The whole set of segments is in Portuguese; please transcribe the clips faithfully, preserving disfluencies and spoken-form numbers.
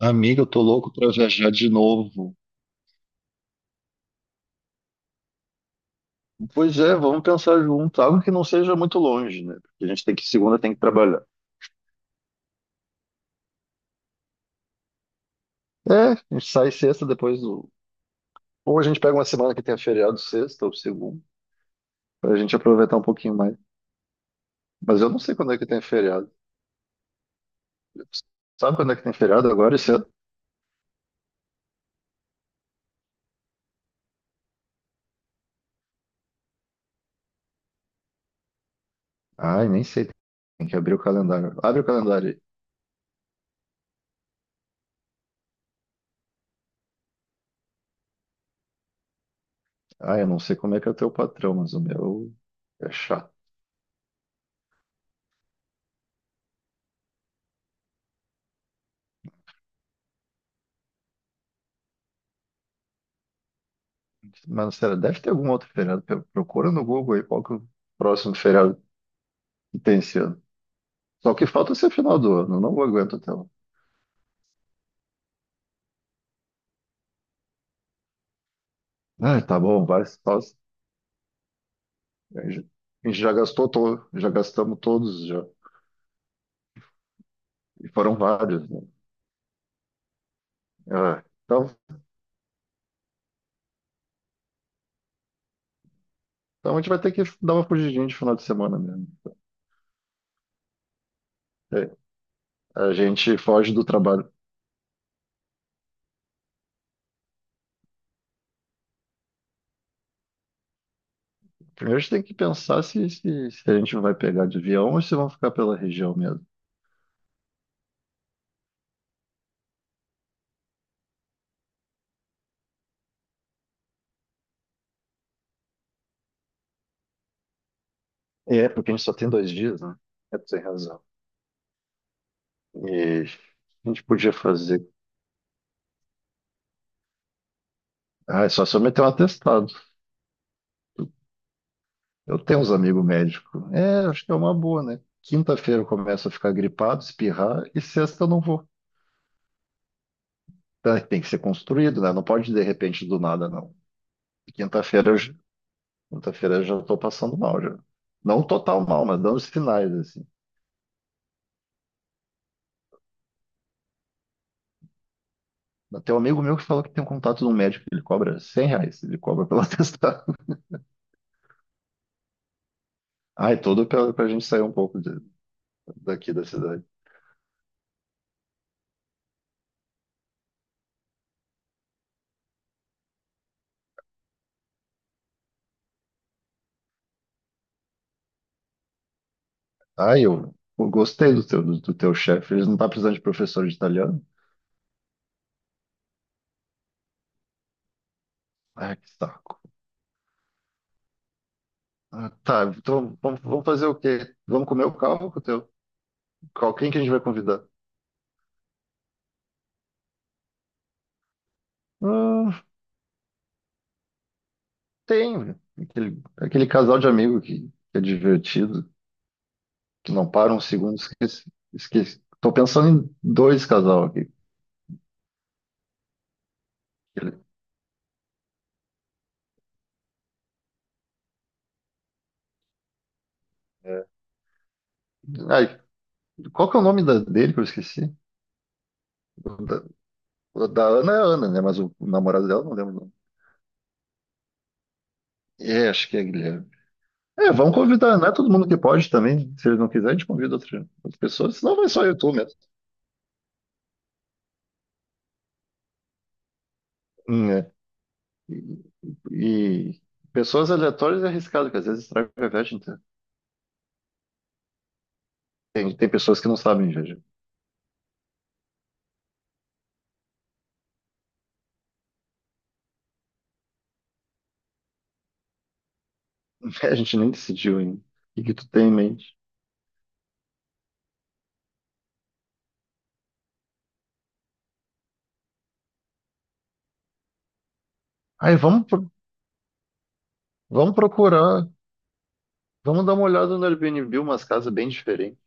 Amiga, eu tô louco pra viajar de novo. Pois é, vamos pensar junto. Algo que não seja muito longe, né? Porque a gente tem que, segunda tem que trabalhar. É, a gente sai sexta depois do. Ou a gente pega uma semana que tenha feriado sexta ou segunda, pra gente aproveitar um pouquinho mais. Mas eu não sei quando é que tem feriado. Sabe quando é que tem feriado agora esse ano? Ai, nem sei. Tem que abrir o calendário. Abre o calendário aí. Ai, eu não sei como é que é o teu patrão, mas o meu é chato. Mas, sério, deve ter algum outro feriado. Procura no Google aí qual que é o próximo feriado que tem esse ano. Só que falta ser final do ano, eu não aguento até lá. Ah, tá bom, vai. só- A gente a gente já gastou todo, já gastamos todos já. E foram vários, né? Ah, então, então a gente vai ter que dar uma fugidinha de final de semana mesmo. É, a gente foge do trabalho. Primeiro a gente tem que pensar se, se, se a gente vai pegar de avião ou se vão ficar pela região mesmo. É, porque a gente só tem dois dias, né? É, tu tem razão. E a gente podia fazer. Ah, é só se eu meter um atestado. Eu tenho uns amigos médicos. É, acho que é uma boa, né? Quinta-feira eu começo a ficar gripado, espirrar, e sexta eu não vou. Tá, tem que ser construído, né? Não pode de repente do nada, não. Quinta-feira eu, já- quinta-feira eu já estou passando mal, já. Não total mal, mas dando os sinais, assim. Tem um amigo meu que falou que tem um contato de um médico que ele cobra cem reais, ele cobra pela testada. Ai, tudo pra, pra gente sair um pouco de- daqui da cidade. Ai, eu, eu gostei do teu, do, do teu chefe, ele não tá precisando de professor de italiano? Ai, que saco. Ah, tá, então vamos, vamos fazer o quê? Vamos comer o carro com o teu? Qual, quem que a gente vai convidar? Hum, tem aquele, aquele casal de amigo que, que é divertido, que não para um segundo, esqueci, esqueci. Tô pensando em dois casal aqui. Ele- É. Ai, qual que é o nome da- dele que eu esqueci? O da, o da Ana é Ana, né? Mas o, o namorado dela eu não lembro o nome. É, acho que é Guilherme. É, vamos convidar, não é todo mundo que pode também. Se ele não quiser, a gente convida outra, outra pessoa, senão vai só eu e tu mesmo. Hum. É. E pessoas aleatórias é arriscado, que às vezes estraga a viagem inteira. Tem, tem pessoas que não sabem, viajar. A gente nem decidiu ainda. O que que tu tem em mente? Aí vamos, pro- Vamos procurar, vamos dar uma olhada no Airbnb, umas casas bem diferentes.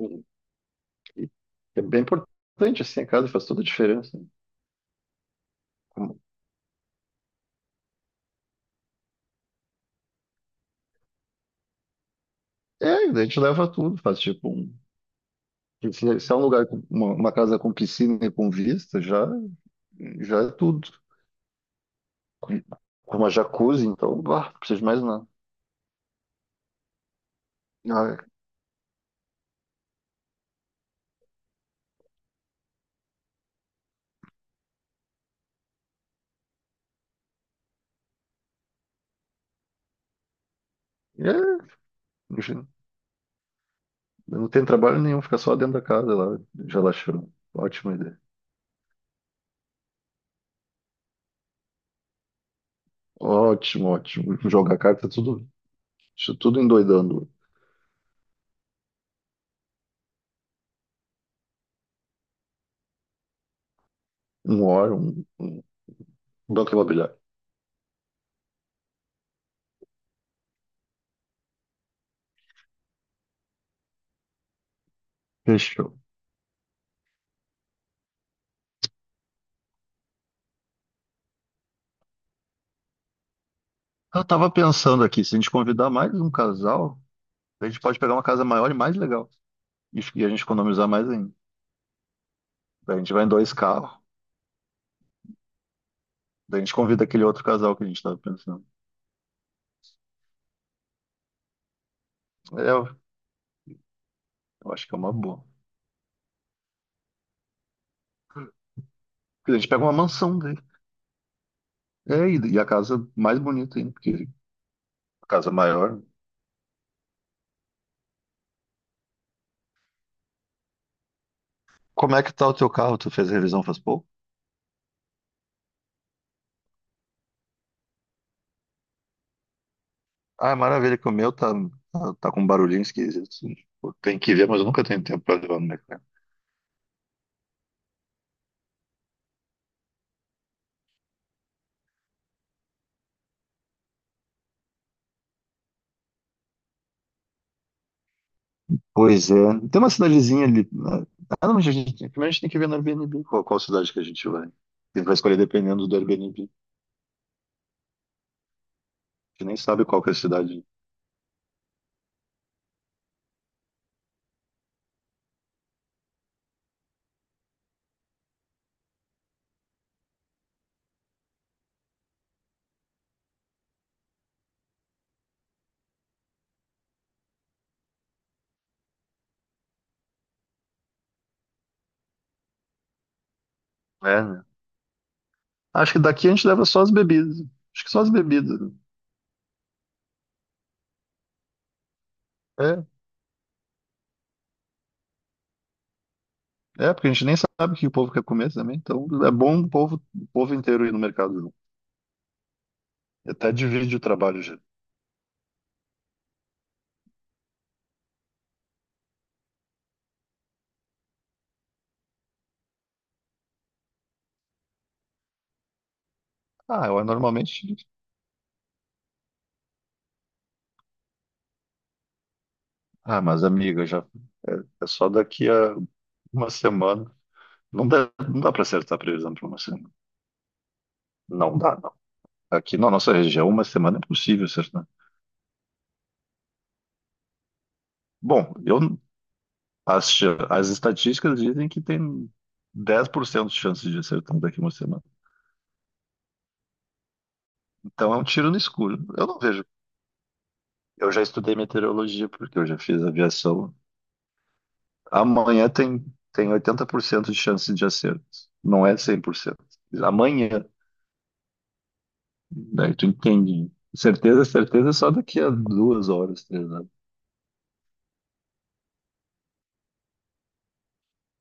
E- É bem importante, assim, a casa faz toda a diferença. Como- É, daí a gente leva tudo, faz tipo um. Se, se é um lugar, com- uma, uma casa com piscina e com vista, já, já é tudo. Com com uma jacuzzi, então, bah, não precisa de mais nada. Ah, é, não tem trabalho nenhum, fica só dentro da casa lá, relaxando. Ótima ideia. Ótimo, ótimo. Jogar carta, tudo, isso tudo endoidando. Um hora, um, um banco imobiliário. Fechou. Eu tava pensando aqui, se a gente convidar mais um casal, a gente pode pegar uma casa maior e mais legal. E, f- e a gente economizar mais ainda. Daí a gente vai em dois carros. Daí a gente convida aquele outro casal que a gente tava pensando. É, eu eu acho que é uma boa. Porque a gente pega uma mansão daí. É, e e a casa mais bonita ainda, porque a casa maior. Como é que tá o teu carro? Tu fez revisão faz pouco? Ah, maravilha, que o meu tá, tá, tá com um barulhinho esquisito. Pô, tem que ver, mas eu nunca tenho tempo pra levar no mecânico. Pois é. Tem uma cidadezinha ali, né? Ah, não, mas a gente, primeiro a gente tem que ver no Airbnb qual, qual cidade que a gente vai. A gente vai escolher dependendo do Airbnb. A gente nem sabe qual que é a cidade. É, né? Acho que daqui a gente leva só as bebidas. Acho que só as bebidas, né? É, é, porque a gente nem sabe o que o povo quer comer também. Então é bom o povo, o povo inteiro ir no mercado junto. E até divide o trabalho já. Ah, eu normalmente. Ah, mas amiga, já é, é só daqui a uma semana. Não dá, não dá para acertar a previsão para uma semana. Não dá, não. Aqui na nossa região, uma semana é impossível acertar. Bom, eu, as, cha- as estatísticas dizem que tem dez por cento de chances de acertar daqui a uma semana. Então é um tiro no escuro. Eu não vejo. Eu já estudei meteorologia, porque eu já fiz aviação. Amanhã tem, tem oitenta por cento de chance de acerto. Não é cem por cento. Amanhã. Daí tu entende. Certeza, certeza, é só daqui a duas horas, três horas.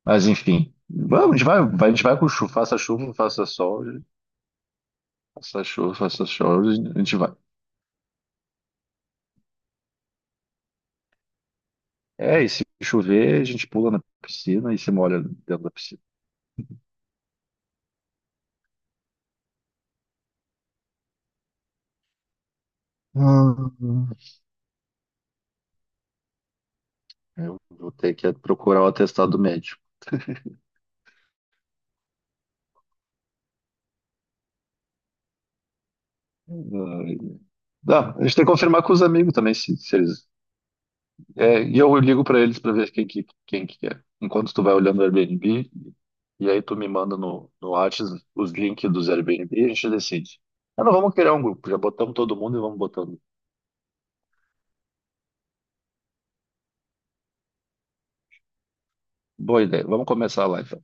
Mas enfim, vamos, a gente vai, vai- a gente vai com chuva, faça chuva, faça sol, faça chuva, faça sol, a gente vai. É, e se chover, a gente pula na piscina e se molha dentro da piscina. Hum. Eu vou ter que procurar o atestado médico. Ai. Ah, a gente tem que confirmar com os amigos também, se, se eles. É, e eu ligo para eles para ver quem que, quem que é. Enquanto tu vai olhando o Airbnb, e aí tu me manda no, no Whats os links dos Airbnb e a gente decide. Ah, não, vamos criar um grupo. Já botamos todo mundo e vamos botando. Boa ideia. Vamos começar lá, então.